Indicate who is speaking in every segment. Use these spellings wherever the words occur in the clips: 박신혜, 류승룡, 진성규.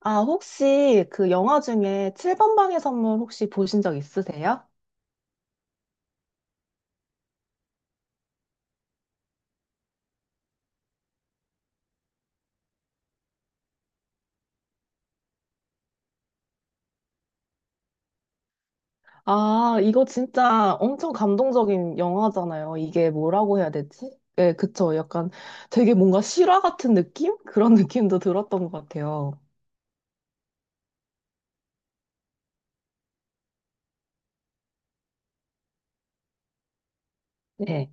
Speaker 1: 아, 혹시 그 영화 중에 7번 방의 선물 혹시 보신 적 있으세요? 아, 이거 진짜 엄청 감동적인 영화잖아요. 이게 뭐라고 해야 되지? 네, 그쵸. 약간 되게 뭔가 실화 같은 느낌? 그런 느낌도 들었던 것 같아요. 네.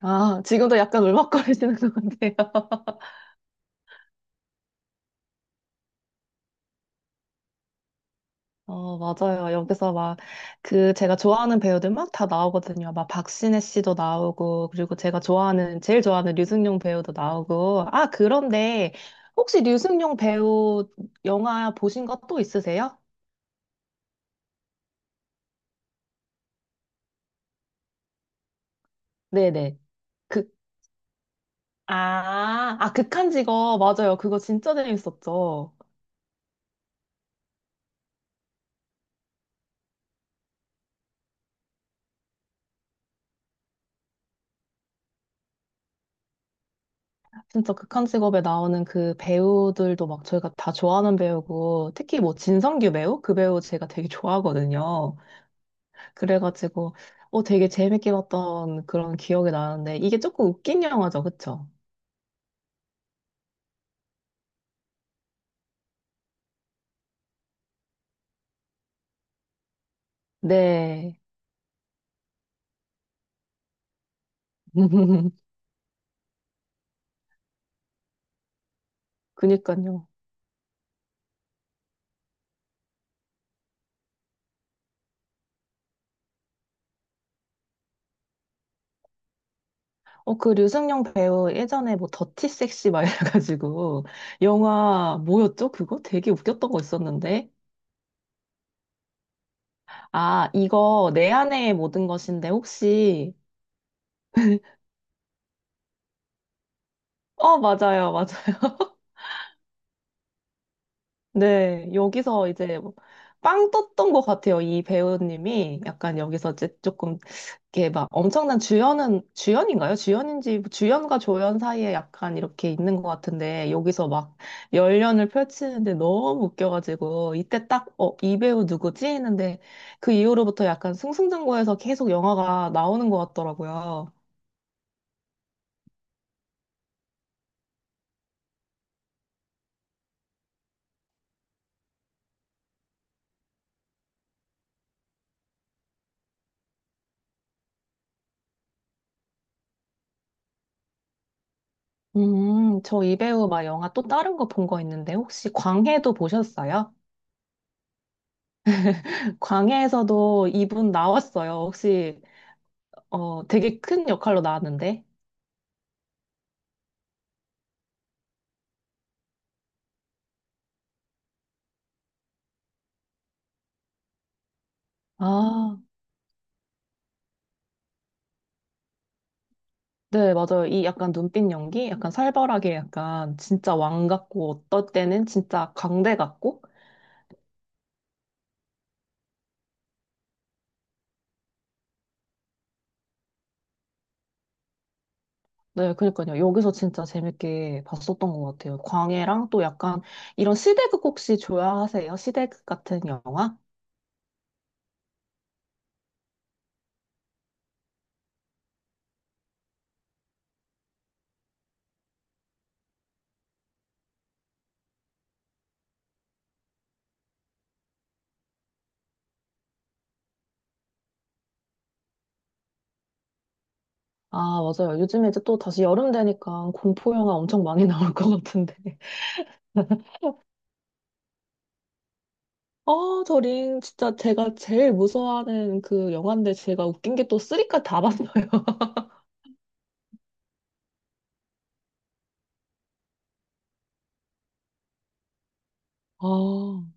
Speaker 1: 아, 지금도 약간 울먹거리시는 것 같아요. 어, 맞아요. 여기서 막, 그, 제가 좋아하는 배우들 막 다 나오거든요. 막, 박신혜 씨도 나오고, 그리고 제가 좋아하는, 제일 좋아하는 류승룡 배우도 나오고. 아, 그런데, 혹시 류승룡 배우 영화 보신 거 또 있으세요? 네네. 극, 아, 아, 극한 직업. 맞아요. 그거 진짜 재밌었죠. 진짜 극한 직업에 나오는 그 배우들도 막 저희가 다 좋아하는 배우고, 특히 뭐 진성규 배우? 그 배우 제가 되게 좋아하거든요. 그래가지고 되게 재밌게 봤던 그런 기억이 나는데 이게 조금 웃긴 영화죠, 그쵸? 네. 그니까요. 그 류승룡 배우 예전에 뭐 더티 섹시 막 이래가지고 영화 뭐였죠? 그거 되게 웃겼던 거 있었는데. 아, 이거 내 안의 모든 것인데 혹시 어, 맞아요. 맞아요. 네, 여기서 이제 뭐빵 떴던 것 같아요. 이 배우님이 약간 여기서 이제 조금 이렇게 막 엄청난 주연은 주연인가요? 주연인지 뭐 주연과 조연 사이에 약간 이렇게 있는 것 같은데 여기서 막 열연을 펼치는데 너무 웃겨가지고 이때 딱 어, 이 배우 누구지? 했는데 그 이후로부터 약간 승승장구해서 계속 영화가 나오는 것 같더라고요. 저 이 배우 막 영화 또 다른 거 본 거 있는데 혹시 광해도 보셨어요? 광해에서도 이분 나왔어요. 혹시 되게 큰 역할로 나왔는데. 아, 네, 맞아요. 이 약간 눈빛 연기, 약간 살벌하게 약간 진짜 왕 같고 어떨 때는 진짜 광대 같고. 네, 그러니까요. 여기서 진짜 재밌게 봤었던 것 같아요. 광해랑 또 약간 이런 시대극 혹시 좋아하세요? 시대극 같은 영화? 아, 맞아요. 요즘에 이제 또 다시 여름 되니까 공포 영화 엄청 많이 나올 것 같은데. 아, 저링 진짜 제가 제일 무서워하는 그 영화인데 제가 웃긴 게 또 쓰리까지 다 봤어요. 아,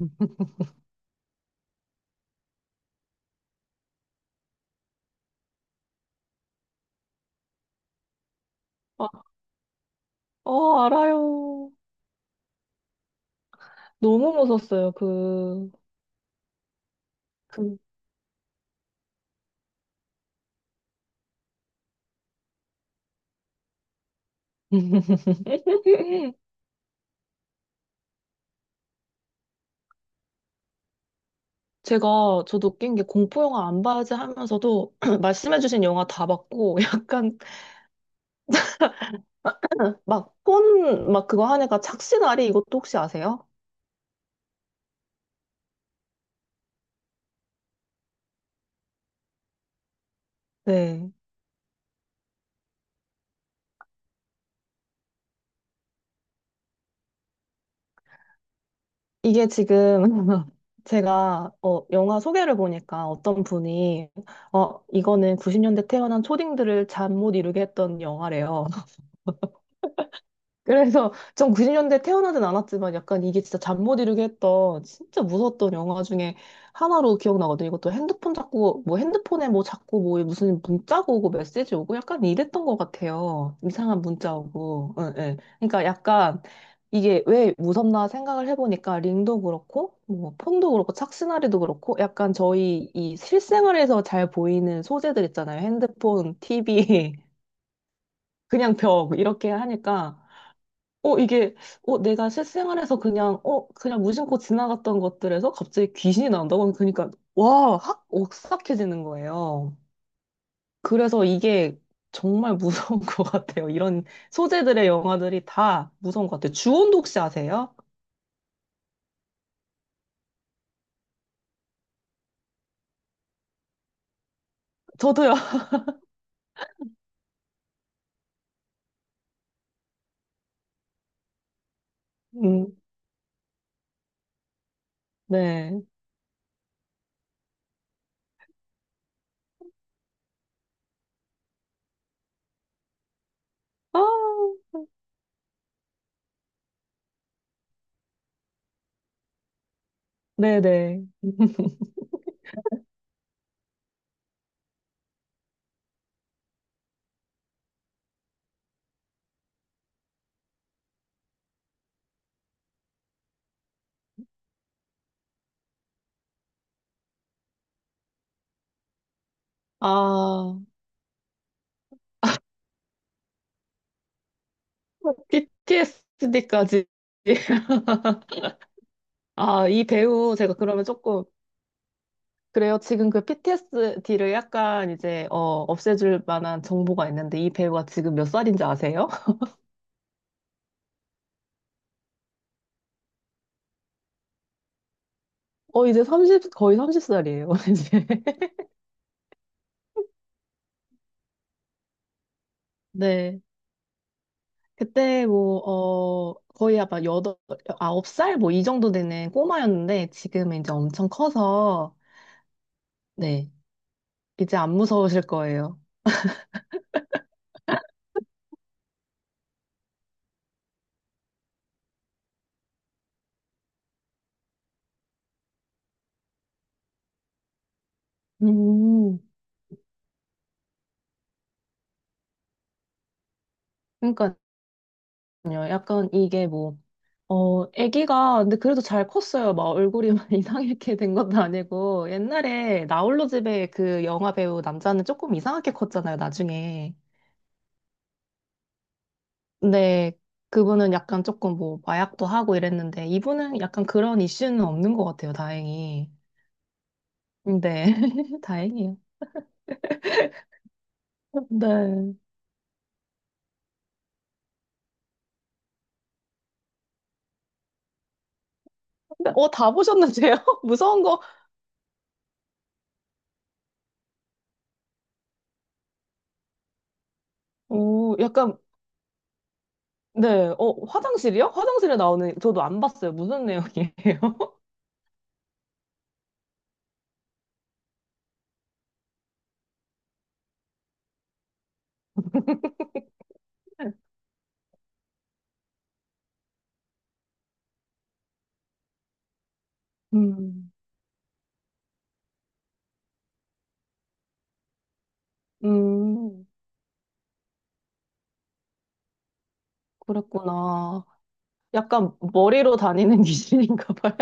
Speaker 1: 음. 아, 어, 알아요. 너무 무서웠어요. 그, 그. 제가 저도 웃긴 게 공포 영화 안 봐야지 하면서도 말씀해주신 영화 다 봤고 약간 막 폰 막 그거 하니까 착시나리 이것도 혹시 아세요? 네. 이게 지금 제가 어, 영화 소개를 보니까 어떤 분이 어, 이거는 90년대 태어난 초딩들을 잠 못 이루게 했던 영화래요. 그래서 전 90년대 태어나진 않았지만 약간 이게 진짜 잠 못 이루게 했던 진짜 무서웠던 영화 중에 하나로 기억나거든요. 이것도 핸드폰 자꾸 뭐 핸드폰에 뭐 자꾸 뭐 무슨 문자가 오고 메시지 오고 약간 이랬던 것 같아요. 이상한 문자 오고. 예예. 그러니까 약간 이게 왜 무섭나 생각을 해보니까 링도 그렇고 뭐 폰도 그렇고 착신아리도 그렇고 약간 저희 이 실생활에서 잘 보이는 소재들 있잖아요. 핸드폰, TV, 그냥 벽 이렇게 하니까 어, 이게, 어, 내가 실생활에서 그냥, 어, 그냥 무심코 지나갔던 것들에서 갑자기 귀신이 나온다고 그러니까, 와, 확 오싹해지는 거예요. 그래서 이게 정말 무서운 것 같아요. 이런 소재들의 영화들이 다 무서운 것 같아요. 주온도 혹시 아세요? 저도요. 음, 네. 아, 네네. 아, 뭐, b t s d 까지 아, 이 배우 제가 그러면 조금, 그래요. 지금 그 PTSD를 약간 이제 어, 없애줄 만한 정보가 있는데 이 배우가 지금 몇 살인지 아세요? 이제 30 거의 30살이에요. 이제. 네. 그때 뭐 거의 아마 여덟 아홉 살 뭐 이 정도 되는 꼬마였는데 지금은 이제 엄청 커서 네. 이제 안 무서우실 거예요. 음. 그러니까요. 약간 이게 뭐 어, 아기가 근데 그래도 잘 컸어요. 막 얼굴이 막 이상하게 된 것도 아니고 옛날에 나 홀로 집에 그 영화 배우 남자는 조금 이상하게 컸잖아요. 나중에. 근데 그분은 약간 조금 뭐 마약도 하고 이랬는데 이분은 약간 그런 이슈는 없는 것 같아요. 다행히. 네, 다행이에요. 네. 근데 어, 다 보셨는데요? 무서운 거. 어, 약간 네. 어, 화장실이요? 화장실에 나오는 저도 안 봤어요. 무슨 내용이에요? 음, 음. 그랬구나. 약간 머리로 다니는 귀신인가 봐요.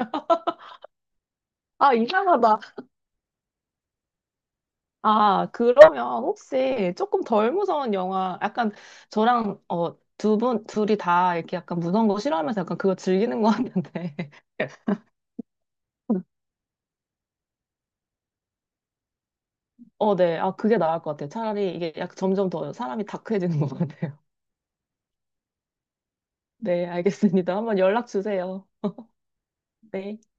Speaker 1: 아, 이상하다. 아, 그러면 혹시 조금 덜 무서운 영화, 약간 저랑 어, 두 분, 둘이 다 이렇게 약간 무서운 거 싫어하면서 약간 그거 즐기는 거 같는데. 어, 네. 아, 그게 나을 것 같아요. 차라리 이게 약 점점 더 사람이 다크해지는 것 같아요. 네, 알겠습니다. 한번 연락 주세요. 네.